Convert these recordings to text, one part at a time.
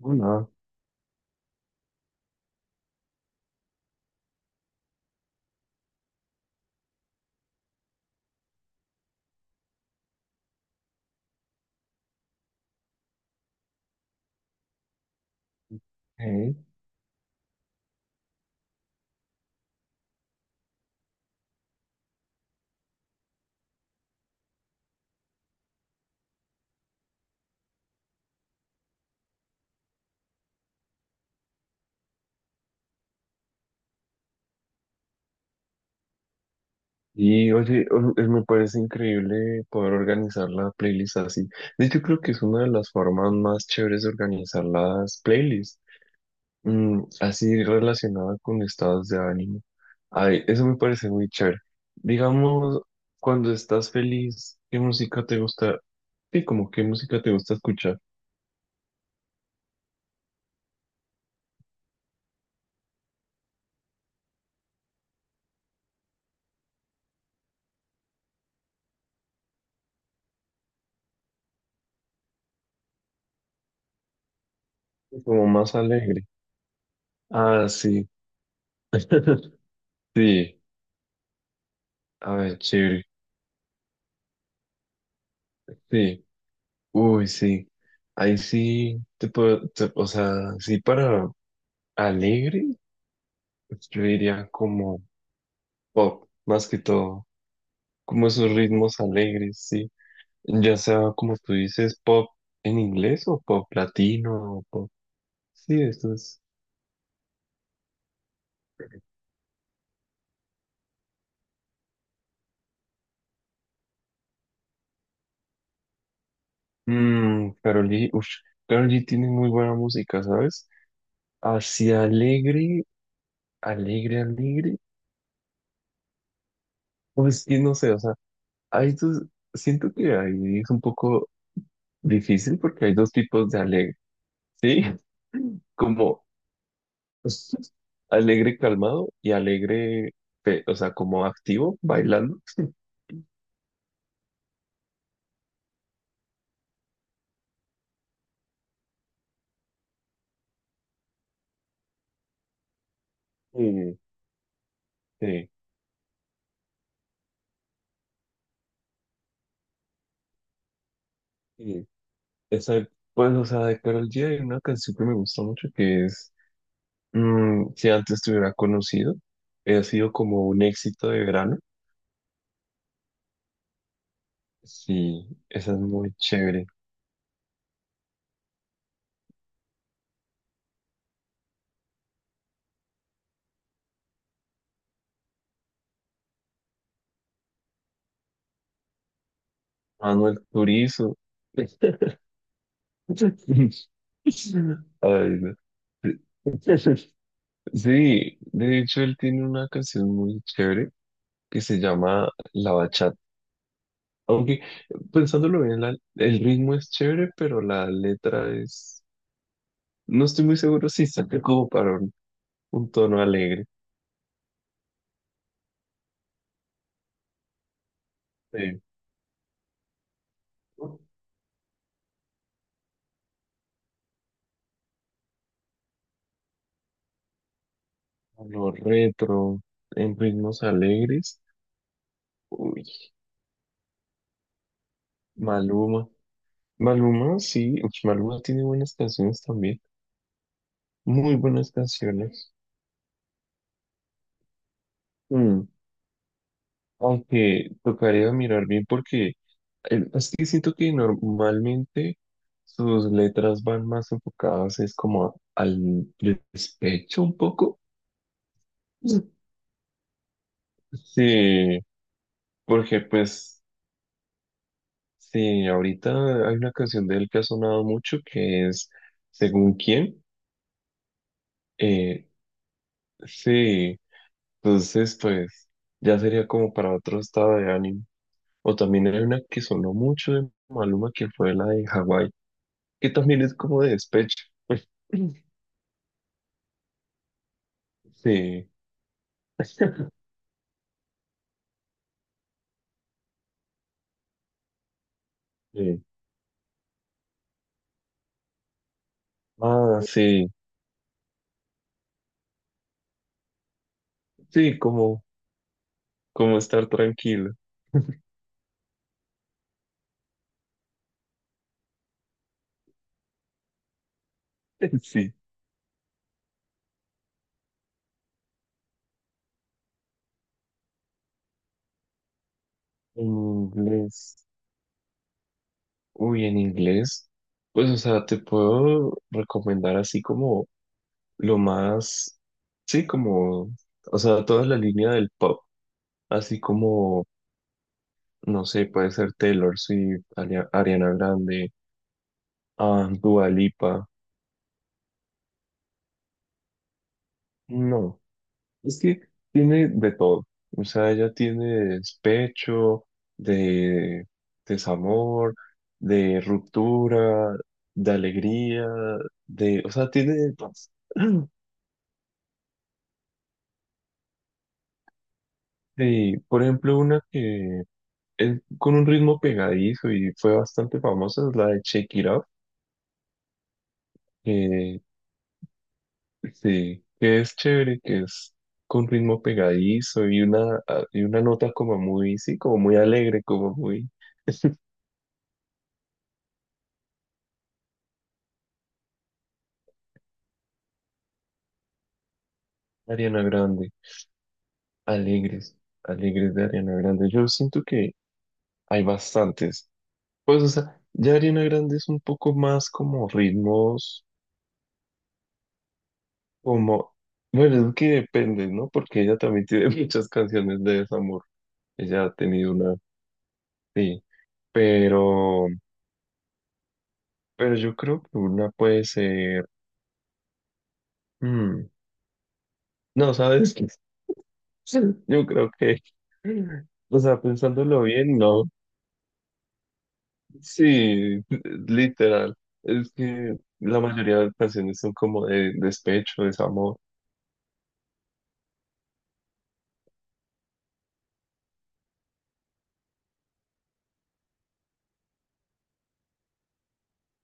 Hola, hey. Y oye, me parece increíble poder organizar la playlist así. De hecho, creo que es una de las formas más chéveres de organizar las playlists, así relacionada con estados de ánimo. Ay, eso me parece muy chévere. Digamos, cuando estás feliz, ¿qué música te gusta? Sí, como qué música te gusta escuchar, como más alegre. Ah, sí. Sí, a ver, chévere. Sí. Uy, sí. Ahí sí te puedo, te- o sea, sí para alegre, pues yo diría como pop, más que todo, como esos ritmos alegres, sí. Ya sea como tú dices, pop en inglés o pop latino o pop. Sí, esto es. Mmm, Karol G, ush, Karol G tiene muy buena música, ¿sabes? Hacia alegre, alegre, alegre. Pues que no sé, o sea, hay dos, siento que ahí es un poco difícil porque hay dos tipos de alegre. Sí, como alegre calmado y alegre, pe- o sea, como activo, bailando. Sí, sí, sí. Esa, pues, o sea, de Karol G hay una canción que me gusta mucho que es, si antes te hubiera conocido, ha sido como un éxito de verano. Sí, esa es muy chévere. Manuel Turizo. Ay, no. Sí, de hecho él tiene una canción muy chévere que se llama La Bachata. Aunque pensándolo bien, el ritmo es chévere, pero la letra es... No estoy muy seguro si saca como para un tono alegre. Sí. Lo retro, en ritmos alegres. Uy, Maluma. Maluma, sí. Uy, Maluma tiene buenas canciones también. Muy buenas canciones. Aunque tocaría mirar bien porque es que siento que normalmente sus letras van más enfocadas es como al despecho un poco. Mm. Sí, porque pues sí, ahorita hay una canción de él que ha sonado mucho que es Según quién. Eh, sí, entonces pues ya sería como para otro estado de ánimo. O también hay una que sonó mucho de Maluma que fue la de Hawái, que también es como de despecho. Sí. Sí. Ah, sí. Sí, como, como estar tranquilo. Sí. En inglés. Uy, en inglés. Pues, o sea, te puedo recomendar así como lo más. Sí, como. O sea, toda la línea del pop. Así como, no sé, puede ser Taylor Swift, Ariana Grande, ah, Dua Lipa. No. Es que tiene de todo. O sea, ella tiene despecho, de desamor, de ruptura, de alegría, de... O sea, tiene de todo. Y, por ejemplo, una que es con un ritmo pegadizo y fue bastante famosa es la de Shake It Up, que, sí, que es chévere, que es con ritmo pegadizo y una nota como muy, sí, como muy alegre, como muy Ariana Grande. Alegres, alegres de Ariana Grande. Yo siento que hay bastantes. Pues, o sea, ya Ariana Grande es un poco más como ritmos, como, bueno, es que depende, ¿no? Porque ella también tiene muchas canciones de desamor. Ella ha tenido una, sí, pero, pero yo creo que una puede ser, mm, no, ¿sabes qué? Yo creo que, o sea, pensándolo bien, no. Sí, literal. Es que la mayoría de las canciones son como de despecho, desamor.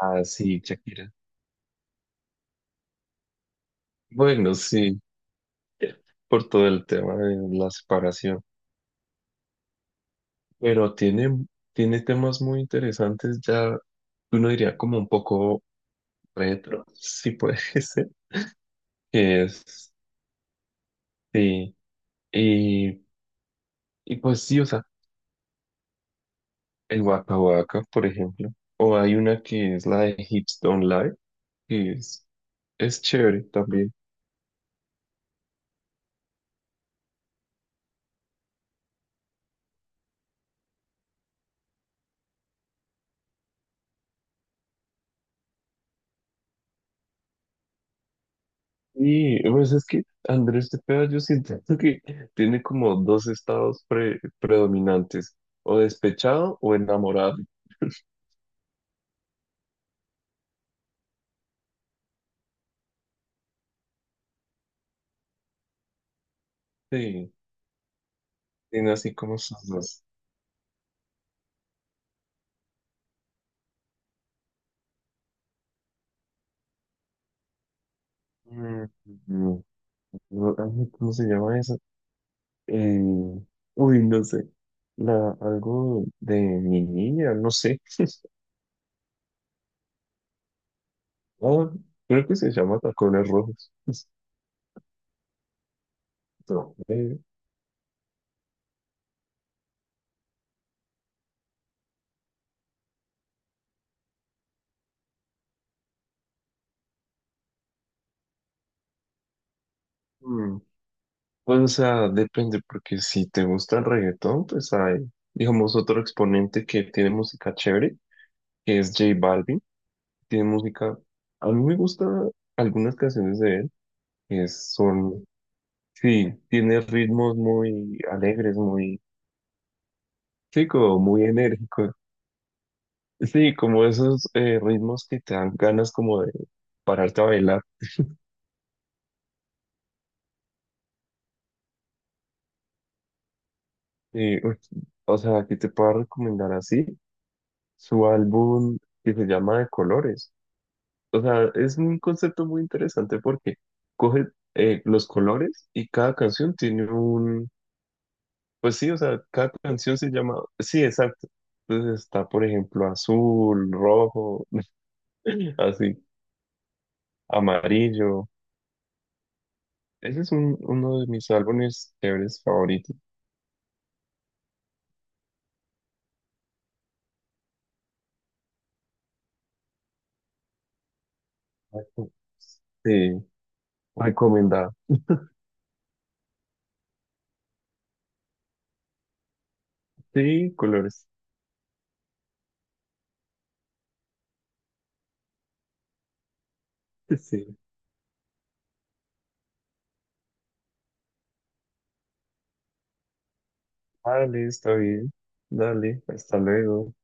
Ah, sí, Shakira. Bueno, sí, por todo el tema de la separación. Pero tiene, tiene temas muy interesantes ya, uno diría como un poco retro, si puede ser. Que es, sí. Y, y pues sí, o sea, el Waka Waka, por ejemplo. O hay una que es la de Hips Don't Lie, que es chévere también. Sí, pues es que Andrés Cepeda yo siento que tiene como dos estados predominantes, o despechado o enamorado. Sí, tiene así como sus dos. Mm, mm, no, ay, ¿cómo se llama eso? Eh, uy, no sé. La, algo de mi niña, no sé. Ah, creo que se llama Tacones Rojos. No, mm, pues, o sea, depende, porque si te gusta el reggaetón, pues hay, digamos, otro exponente que tiene música chévere, que es J Balvin. Tiene música, a mí me gustan algunas canciones de él, que son, sí, tiene ritmos muy alegres, muy, sí, como muy enérgicos. Sí, como esos ritmos que te dan ganas como de pararte a bailar. Y, uf, o sea, aquí te puedo recomendar así su álbum que se llama De Colores. O sea, es un concepto muy interesante porque coge los colores y cada canción tiene un, pues sí, o sea, cada canción se llama, sí, exacto. Entonces está, por ejemplo, azul, rojo, así, amarillo. Ese es uno de mis álbumes chéveres favoritos. Exacto. Sí, recomendado. Sí, colores. Sí. Dale, está bien. Dale, hasta luego.